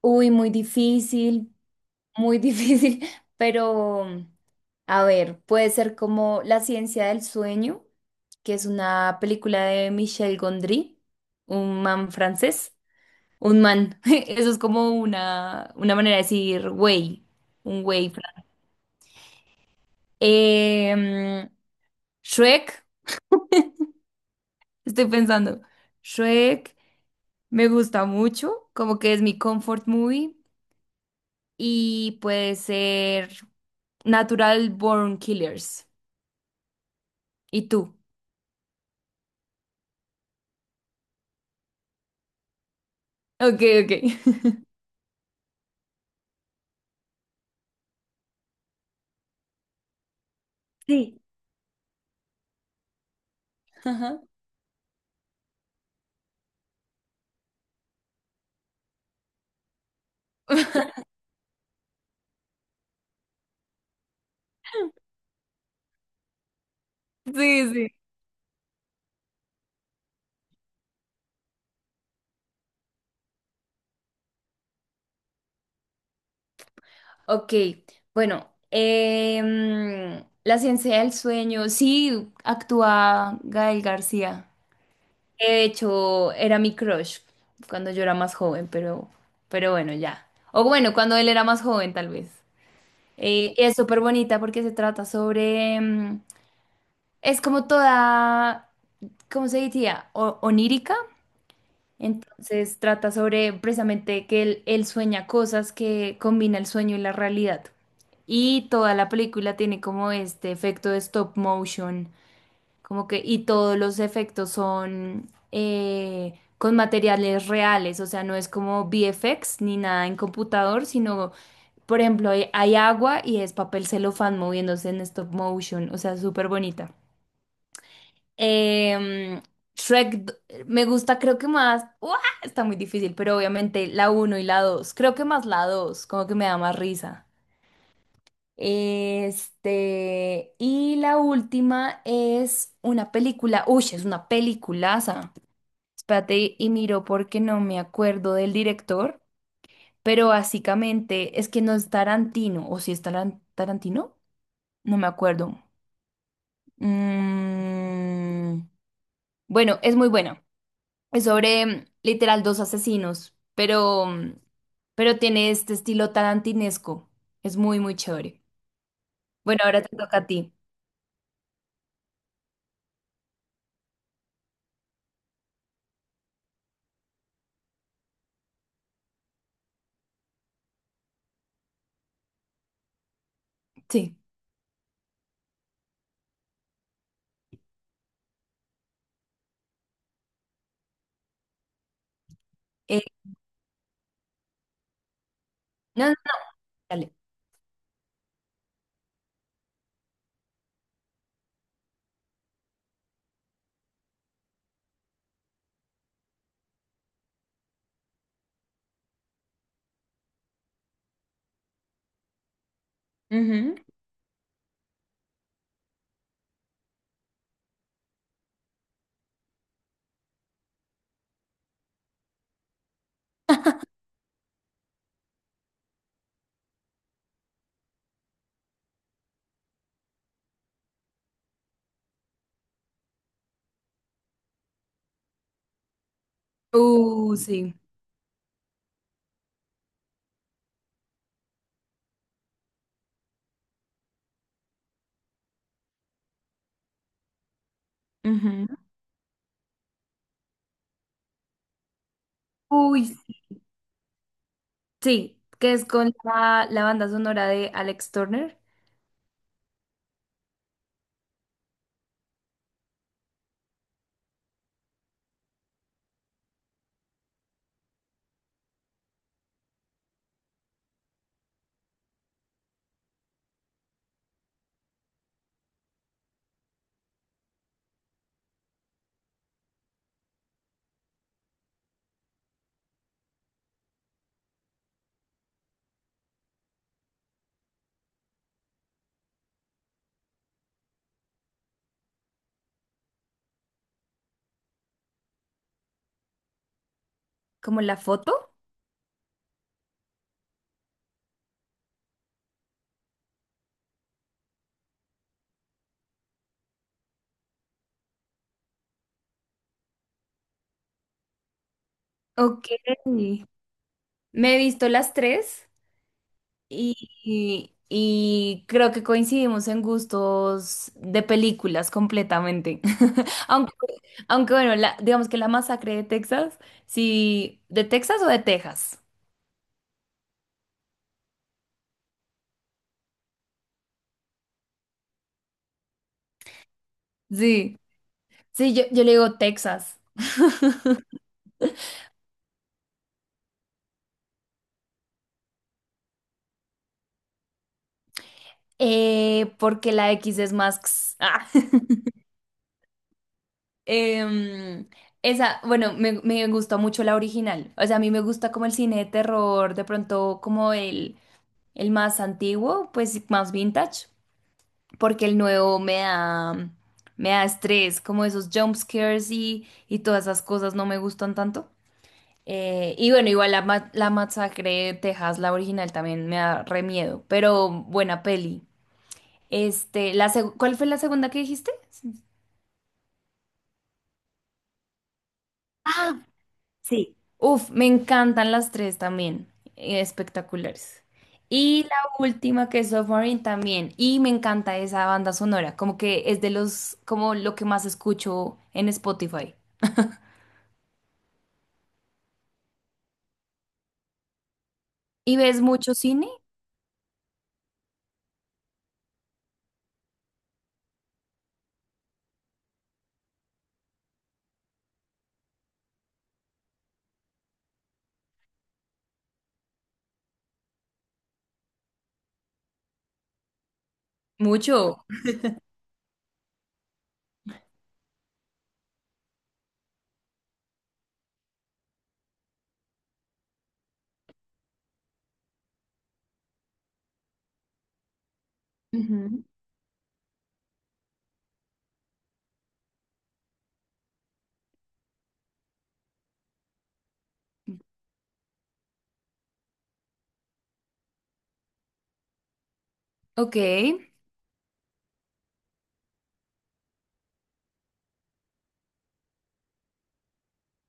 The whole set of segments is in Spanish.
Uy, muy difícil, muy difícil, pero a ver, puede ser como La Ciencia del Sueño, que es una película de Michel Gondry, un man francés, un man, eso es como una manera de decir güey, un güey francés. Em, Shrek, estoy pensando, Shrek me gusta mucho, como que es mi comfort movie y puede ser Natural Born Killers. ¿Y tú? Ok, ok. Sí. Ajá. Sí, sí. Ok, bueno, la Ciencia del Sueño, sí, actúa Gael García. De hecho, era mi crush cuando yo era más joven, pero bueno, ya. O bueno, cuando él era más joven, tal vez. Y es súper bonita porque se trata sobre es como toda, ¿cómo se diría? Onírica. Entonces trata sobre precisamente que él sueña cosas que combina el sueño y la realidad. Y toda la película tiene como este efecto de stop motion, como que, y todos los efectos son con materiales reales, o sea, no es como VFX ni nada en computador, sino, por ejemplo, hay agua y es papel celofán moviéndose en stop motion, o sea, súper bonita. Em, Shrek d- me gusta, creo que más. ¡Uah! Está muy difícil, pero obviamente la uno y la dos. Creo que más la dos, como que me da más risa. Este, y la última es una película. Uy, es una peliculaza. Espérate, y miro porque no me acuerdo del director, pero básicamente es que no es Tarantino, o si es Tarantino, no me acuerdo. Mm, bueno, es muy buena. Es sobre literal dos asesinos, pero, pero tiene este estilo tarantinesco. Es muy, muy chévere. Bueno, ahora te toca a ti. Sí. Eh, no, no, dale. Ujú. Sí. Ujú. Uy, sí, sí, que es con la banda sonora de Alex Turner, como la foto. Ok. Me he visto las tres, y creo que coincidimos en gustos de películas completamente. Aunque, aunque bueno, digamos que la masacre de Texas, sí, ¿de Texas o de Texas? Sí, sí, yo le digo Texas. Porque la X es más x. Ah. Em, esa, bueno, me gustó mucho la original. O sea, a mí me gusta como el cine de terror, de pronto como el más antiguo, pues más vintage. Porque el nuevo me da estrés, como esos jump scares y todas esas cosas no me gustan tanto. Y bueno, igual la masacre de Texas, la original, también me da re miedo, pero buena peli. Este, ¿cuál fue la segunda que dijiste? Uf, me encantan las tres también, espectaculares. Y la última que es Submarine también, y me encanta esa banda sonora, como que es de los, como lo que más escucho en Spotify. ¿Y ves mucho cine? Mucho. Ujú. Ok.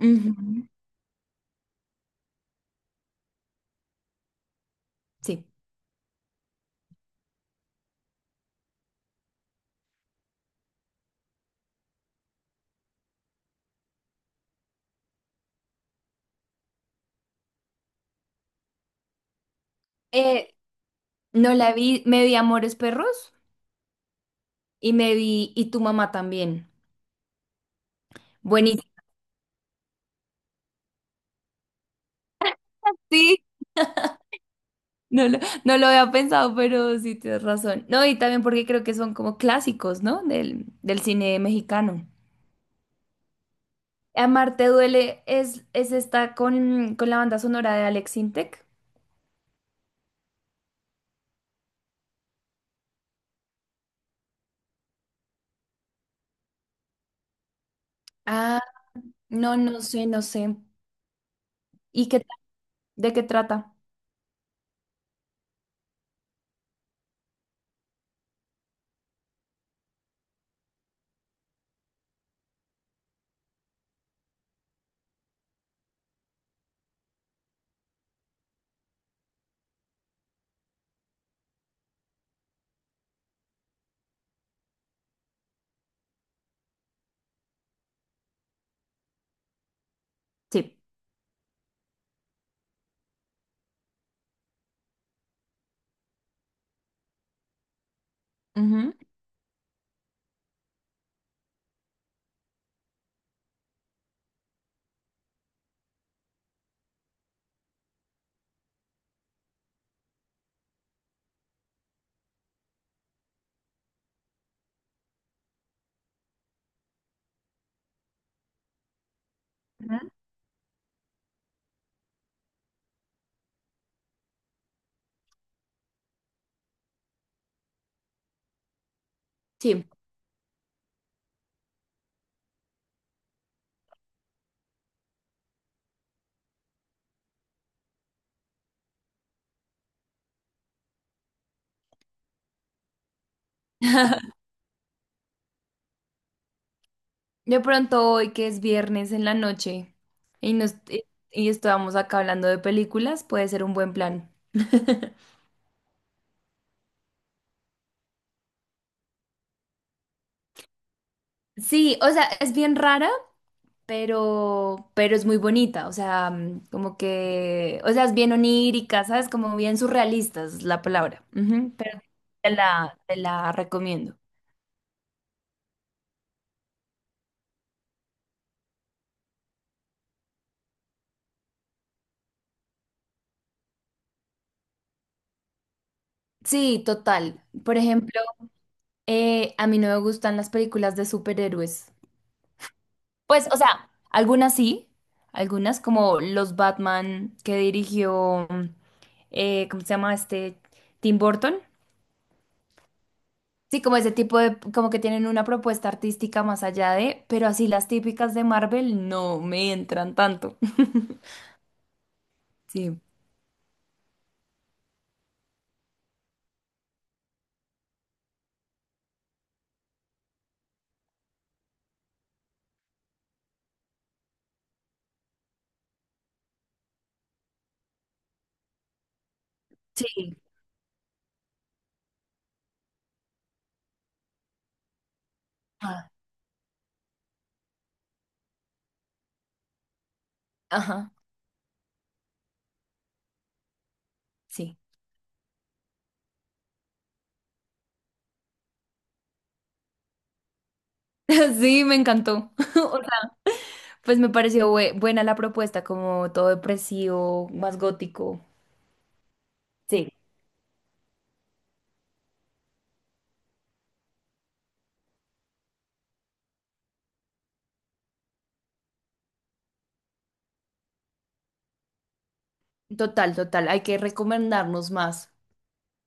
Ujú. Sí. Eh, no la vi, me vi Amores Perros y me vi Y Tu Mamá También. Buenísimo. Sí, no lo, no lo había pensado, pero sí tienes razón. No, y también porque creo que son como clásicos, ¿no? Del cine mexicano. Amarte Duele es esta con la banda sonora de Alex Sintek. Ah, no, no sé, no sé. ¿Y qué, de qué trata? Sí. Ujú. Ujú. Sí. De pronto hoy que es viernes en la noche y y estábamos acá hablando de películas, puede ser un buen plan. Sí, o sea, es bien rara, pero es muy bonita, o sea, como que, o sea, es bien onírica, ¿sabes? Como bien surrealista es la palabra. Ujú, pero te la recomiendo. Sí, total. Por ejemplo, a mí no me gustan las películas de superhéroes. Pues, o sea, algunas sí, algunas como los Batman que dirigió, ¿cómo se llama este? Tim Burton. Sí, como ese tipo de, como que tienen una propuesta artística más allá de, pero así las típicas de Marvel no me entran tanto. Sí. Sí. Ah, ajá, sí. Sí, me encantó. O sea, pues me pareció buena la propuesta, como todo depresivo, más gótico. Sí. Total, total. Hay que recomendarnos más.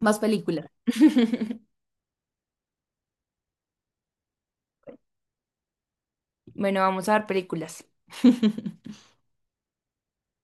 Más películas. Bueno, vamos a ver películas.